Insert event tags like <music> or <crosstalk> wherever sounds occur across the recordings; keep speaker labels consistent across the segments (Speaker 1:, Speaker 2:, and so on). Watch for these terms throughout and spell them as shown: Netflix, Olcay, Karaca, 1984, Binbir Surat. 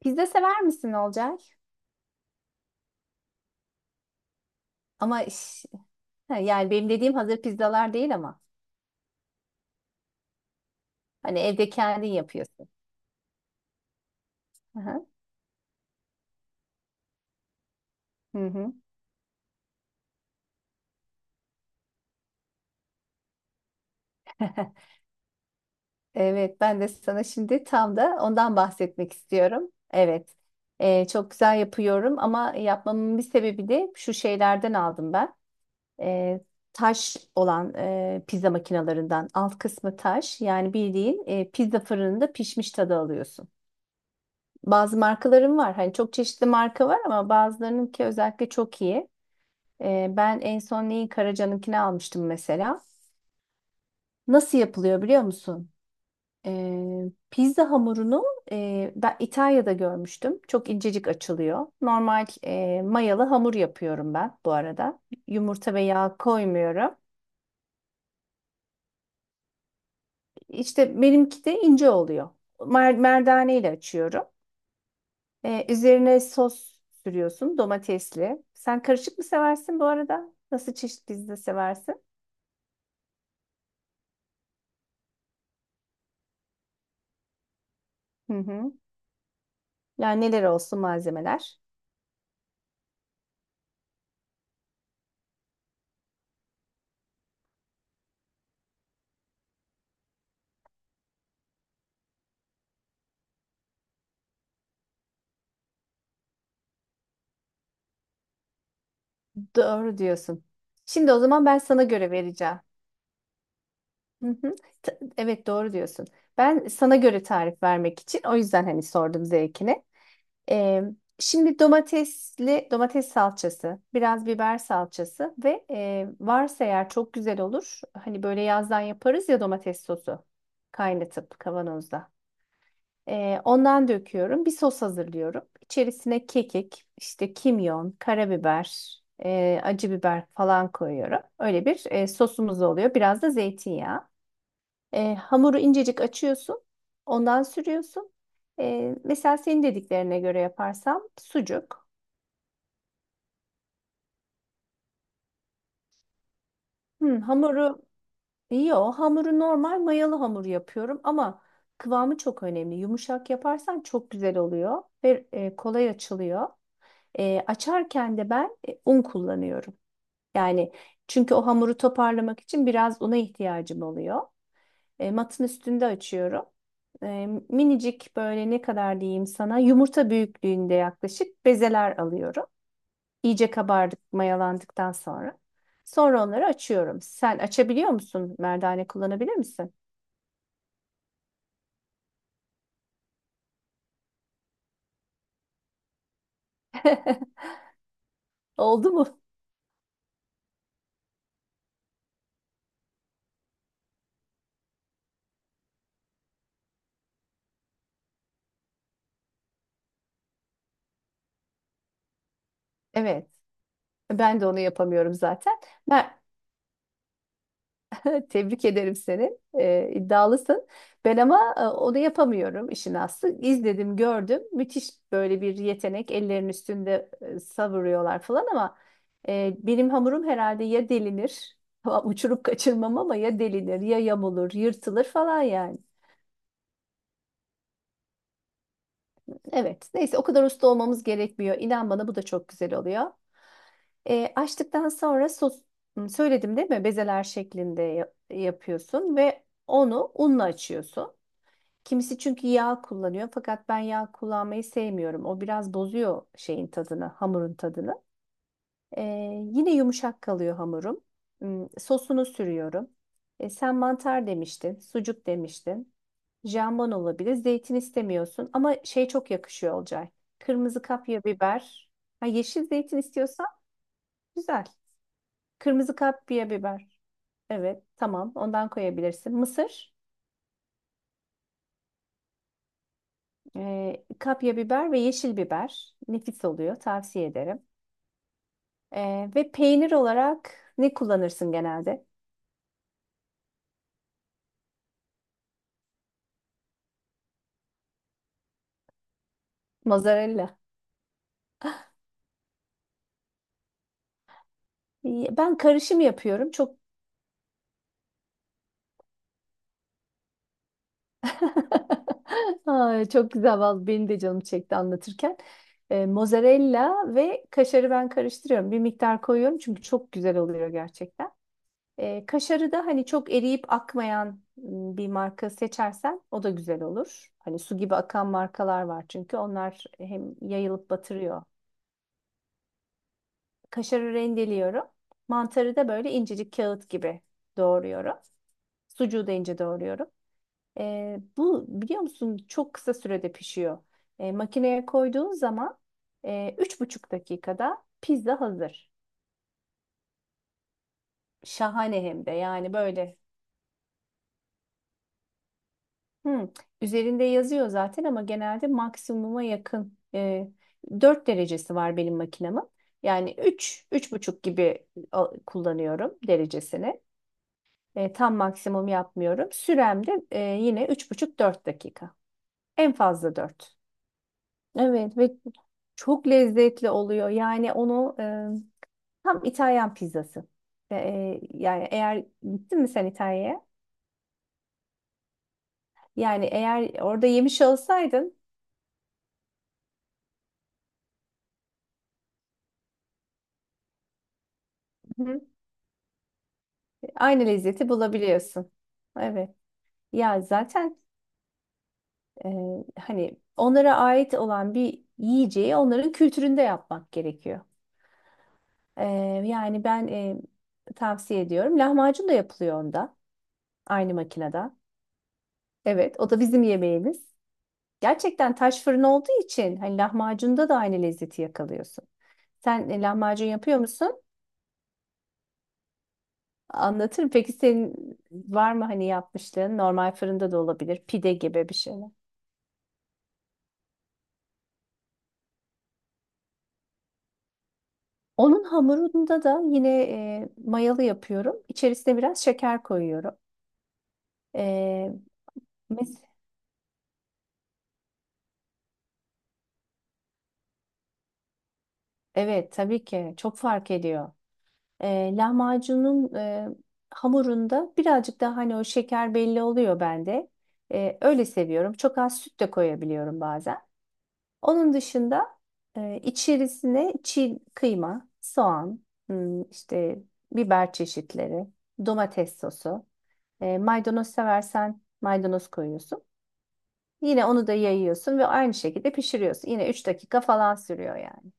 Speaker 1: Pizza sever misin Olcay? Ama iş- ha, yani benim dediğim hazır pizzalar değil ama hani evde kendin yapıyorsun. Hı hı. Hı hı. <laughs> Evet, ben de sana şimdi tam da ondan bahsetmek istiyorum. Evet, Çok güzel yapıyorum ama yapmamın bir sebebi de şu şeylerden aldım ben. Ee, Taş olan pizza makinalarından alt kısmı taş, yani bildiğin pizza fırınında pişmiş tadı alıyorsun. Bazı markalarım var, hani çok çeşitli marka var ama bazılarınınki özellikle çok iyi. Ben en son neyi, Karaca'nınkini almıştım mesela. Nasıl yapılıyor biliyor musun? Pizza hamurunu ben İtalya'da görmüştüm. Çok incecik açılıyor. Normal mayalı hamur yapıyorum ben bu arada. Yumurta ve yağ koymuyorum. İşte benimki de ince oluyor. Merdane ile açıyorum. Üzerine sos sürüyorsun, domatesli. Sen karışık mı seversin bu arada? Nasıl çeşit pizza seversin? Hı hı. Yani neler olsun malzemeler? Doğru diyorsun. Şimdi o zaman ben sana göre vereceğim. Hı hı. Evet, doğru diyorsun. Ben sana göre tarif vermek için o yüzden hani sordum zevkini. Ee, Şimdi domates salçası, biraz biber salçası ve varsa eğer çok güzel olur. Hani böyle yazdan yaparız ya, domates sosu kaynatıp kavanozda. Ondan döküyorum. Bir sos hazırlıyorum. İçerisine kekik, işte kimyon, karabiber, acı biber falan koyuyorum. Öyle bir sosumuz oluyor. Biraz da zeytinyağı. Hamuru incecik açıyorsun. Ondan sürüyorsun. E, mesela senin dediklerine göre yaparsam sucuk. Hamuru hamuru normal mayalı hamur yapıyorum ama kıvamı çok önemli. Yumuşak yaparsan çok güzel oluyor ve kolay açılıyor. Açarken de ben un kullanıyorum. Yani çünkü o hamuru toparlamak için biraz una ihtiyacım oluyor. Matın üstünde açıyorum. Minicik, böyle ne kadar diyeyim sana, yumurta büyüklüğünde yaklaşık bezeler alıyorum. İyice kabardık, mayalandıktan sonra. Sonra onları açıyorum. Sen açabiliyor musun? Merdane kullanabilir misin? <laughs> Oldu mu? Evet. Ben de onu yapamıyorum zaten. Ben, tebrik ederim seni. İddialısın. Ben ama onu yapamıyorum işin aslı. İzledim, gördüm. Müthiş böyle bir yetenek. Ellerin üstünde savuruyorlar falan ama benim hamurum herhalde ya delinir, <laughs> uçurup kaçırmam ama ya delinir, ya yamulur, yırtılır falan yani. Evet. Neyse, o kadar usta olmamız gerekmiyor. İnan bana, bu da çok güzel oluyor. Açtıktan sonra sos söyledim değil mi? Bezeler şeklinde yapıyorsun ve onu unla açıyorsun. Kimisi çünkü yağ kullanıyor fakat ben yağ kullanmayı sevmiyorum. O biraz bozuyor şeyin tadını, hamurun tadını. Ee, Yine yumuşak kalıyor hamurum. Sosunu sürüyorum. E, sen mantar demiştin, sucuk demiştin. Jambon olabilir. Zeytin istemiyorsun ama şey çok yakışıyor Olcay. Kırmızı kapya biber. Ha, yeşil zeytin istiyorsan güzel. Kırmızı kapya biber. Evet, tamam. Ondan koyabilirsin. Mısır. Kapya biber ve yeşil biber. Nefis oluyor. Tavsiye ederim. Ve peynir olarak ne kullanırsın genelde? Mozzarella. Ben karışım yapıyorum. Çok <laughs> Ay, çok güzel vallahi, benim de canım çekti anlatırken. Mozzarella ve kaşarı ben karıştırıyorum. Bir miktar koyuyorum çünkü çok güzel oluyor gerçekten. Kaşarı da hani çok eriyip akmayan bir marka seçersen, o da güzel olur. Hani su gibi akan markalar var çünkü onlar hem yayılıp batırıyor. Kaşarı rendeliyorum. Mantarı da böyle incecik kağıt gibi doğruyorum. Sucuğu da ince doğruyorum. Bu biliyor musun, çok kısa sürede pişiyor. Makineye koyduğun zaman üç buçuk dakikada pizza hazır. Şahane hem de, yani böyle Hmm. Üzerinde yazıyor zaten ama genelde maksimuma yakın, 4 derecesi var benim makinemin. Yani üç buçuk gibi kullanıyorum derecesini. Tam maksimum yapmıyorum. Sürem de yine üç buçuk dört dakika. En fazla 4. Evet ve çok lezzetli oluyor. Yani onu tam İtalyan pizzası. Yani eğer gittin mi sen İtalya'ya? Yani eğer orada yemiş olsaydın. Aynı lezzeti bulabiliyorsun. Evet. Ya zaten e, hani onlara ait olan bir yiyeceği onların kültüründe yapmak gerekiyor. E, Yani ben tavsiye ediyorum. Lahmacun da yapılıyor onda. Aynı makinede. Evet, o da bizim yemeğimiz. Gerçekten taş fırın olduğu için hani lahmacunda da aynı lezzeti yakalıyorsun. Sen lahmacun yapıyor musun? Anlatırım. Peki senin var mı hani yapmışlığın? Normal fırında da olabilir. Pide gibi bir şey. Onun hamurunda da yine mayalı yapıyorum. İçerisine biraz şeker koyuyorum. E, mes- evet, tabii ki çok fark ediyor. Lahmacunun hamurunda birazcık daha hani o şeker belli oluyor bende. Öyle seviyorum. Çok az süt de koyabiliyorum bazen. Onun dışında içerisine çiğ kıyma, soğan, işte biber çeşitleri, domates sosu. Maydanoz seversen maydanoz koyuyorsun. Yine onu da yayıyorsun ve aynı şekilde pişiriyorsun. Yine 3 dakika falan sürüyor yani.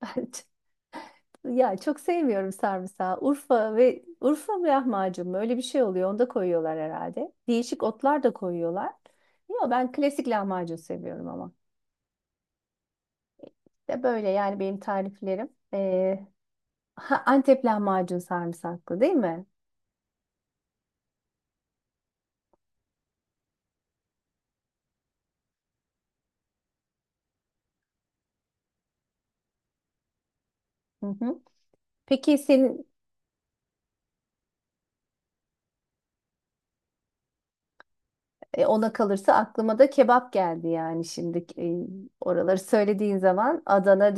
Speaker 1: <laughs> Ya çok sevmiyorum sarımsağı. Urfa mı lahmacun mu? Öyle bir şey oluyor. Onu da koyuyorlar herhalde. Değişik otlar da koyuyorlar. Yok, ben klasik lahmacun seviyorum ama. De böyle yani benim tariflerim. Ee, ha, Antep lahmacun sarımsaklı değil mi? Hı hı. Peki senin ona kalırsa aklıma da kebap geldi yani, şimdi oraları söylediğin zaman Adana.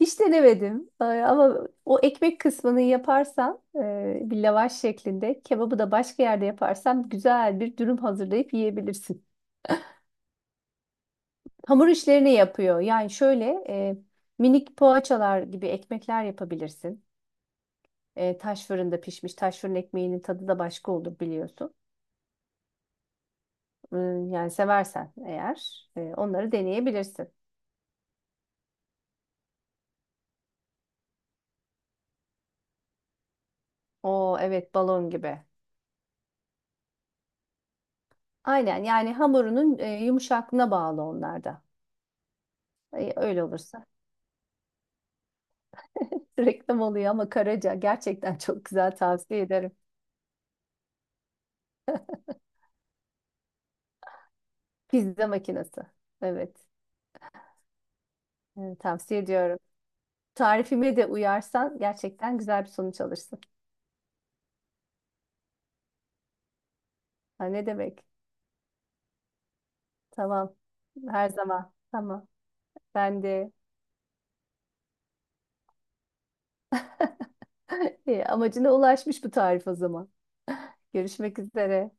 Speaker 1: Hiç denemedim. Ama o ekmek kısmını yaparsan bir lavaş şeklinde, kebabı da başka yerde yaparsan, güzel bir dürüm hazırlayıp yiyebilirsin. Hamur işlerini yapıyor. Yani şöyle minik poğaçalar gibi ekmekler yapabilirsin. Taş fırında pişmiş, taş fırın ekmeğinin tadı da başka olur biliyorsun. Yani seversen eğer onları deneyebilirsin. O evet, balon gibi. Aynen, yani hamurunun yumuşaklığına bağlı onlar da. Öyle olursa. Reklam oluyor ama Karaca gerçekten çok güzel, tavsiye ederim. Pizza makinesi. Evet. Evet, tavsiye ediyorum. Tarifime de uyarsan gerçekten güzel bir sonuç alırsın. Ha, ne demek? Tamam. Her zaman. Tamam. Ben de. <laughs> İyi, amacına ulaşmış bu tarif o zaman. <laughs> Görüşmek üzere.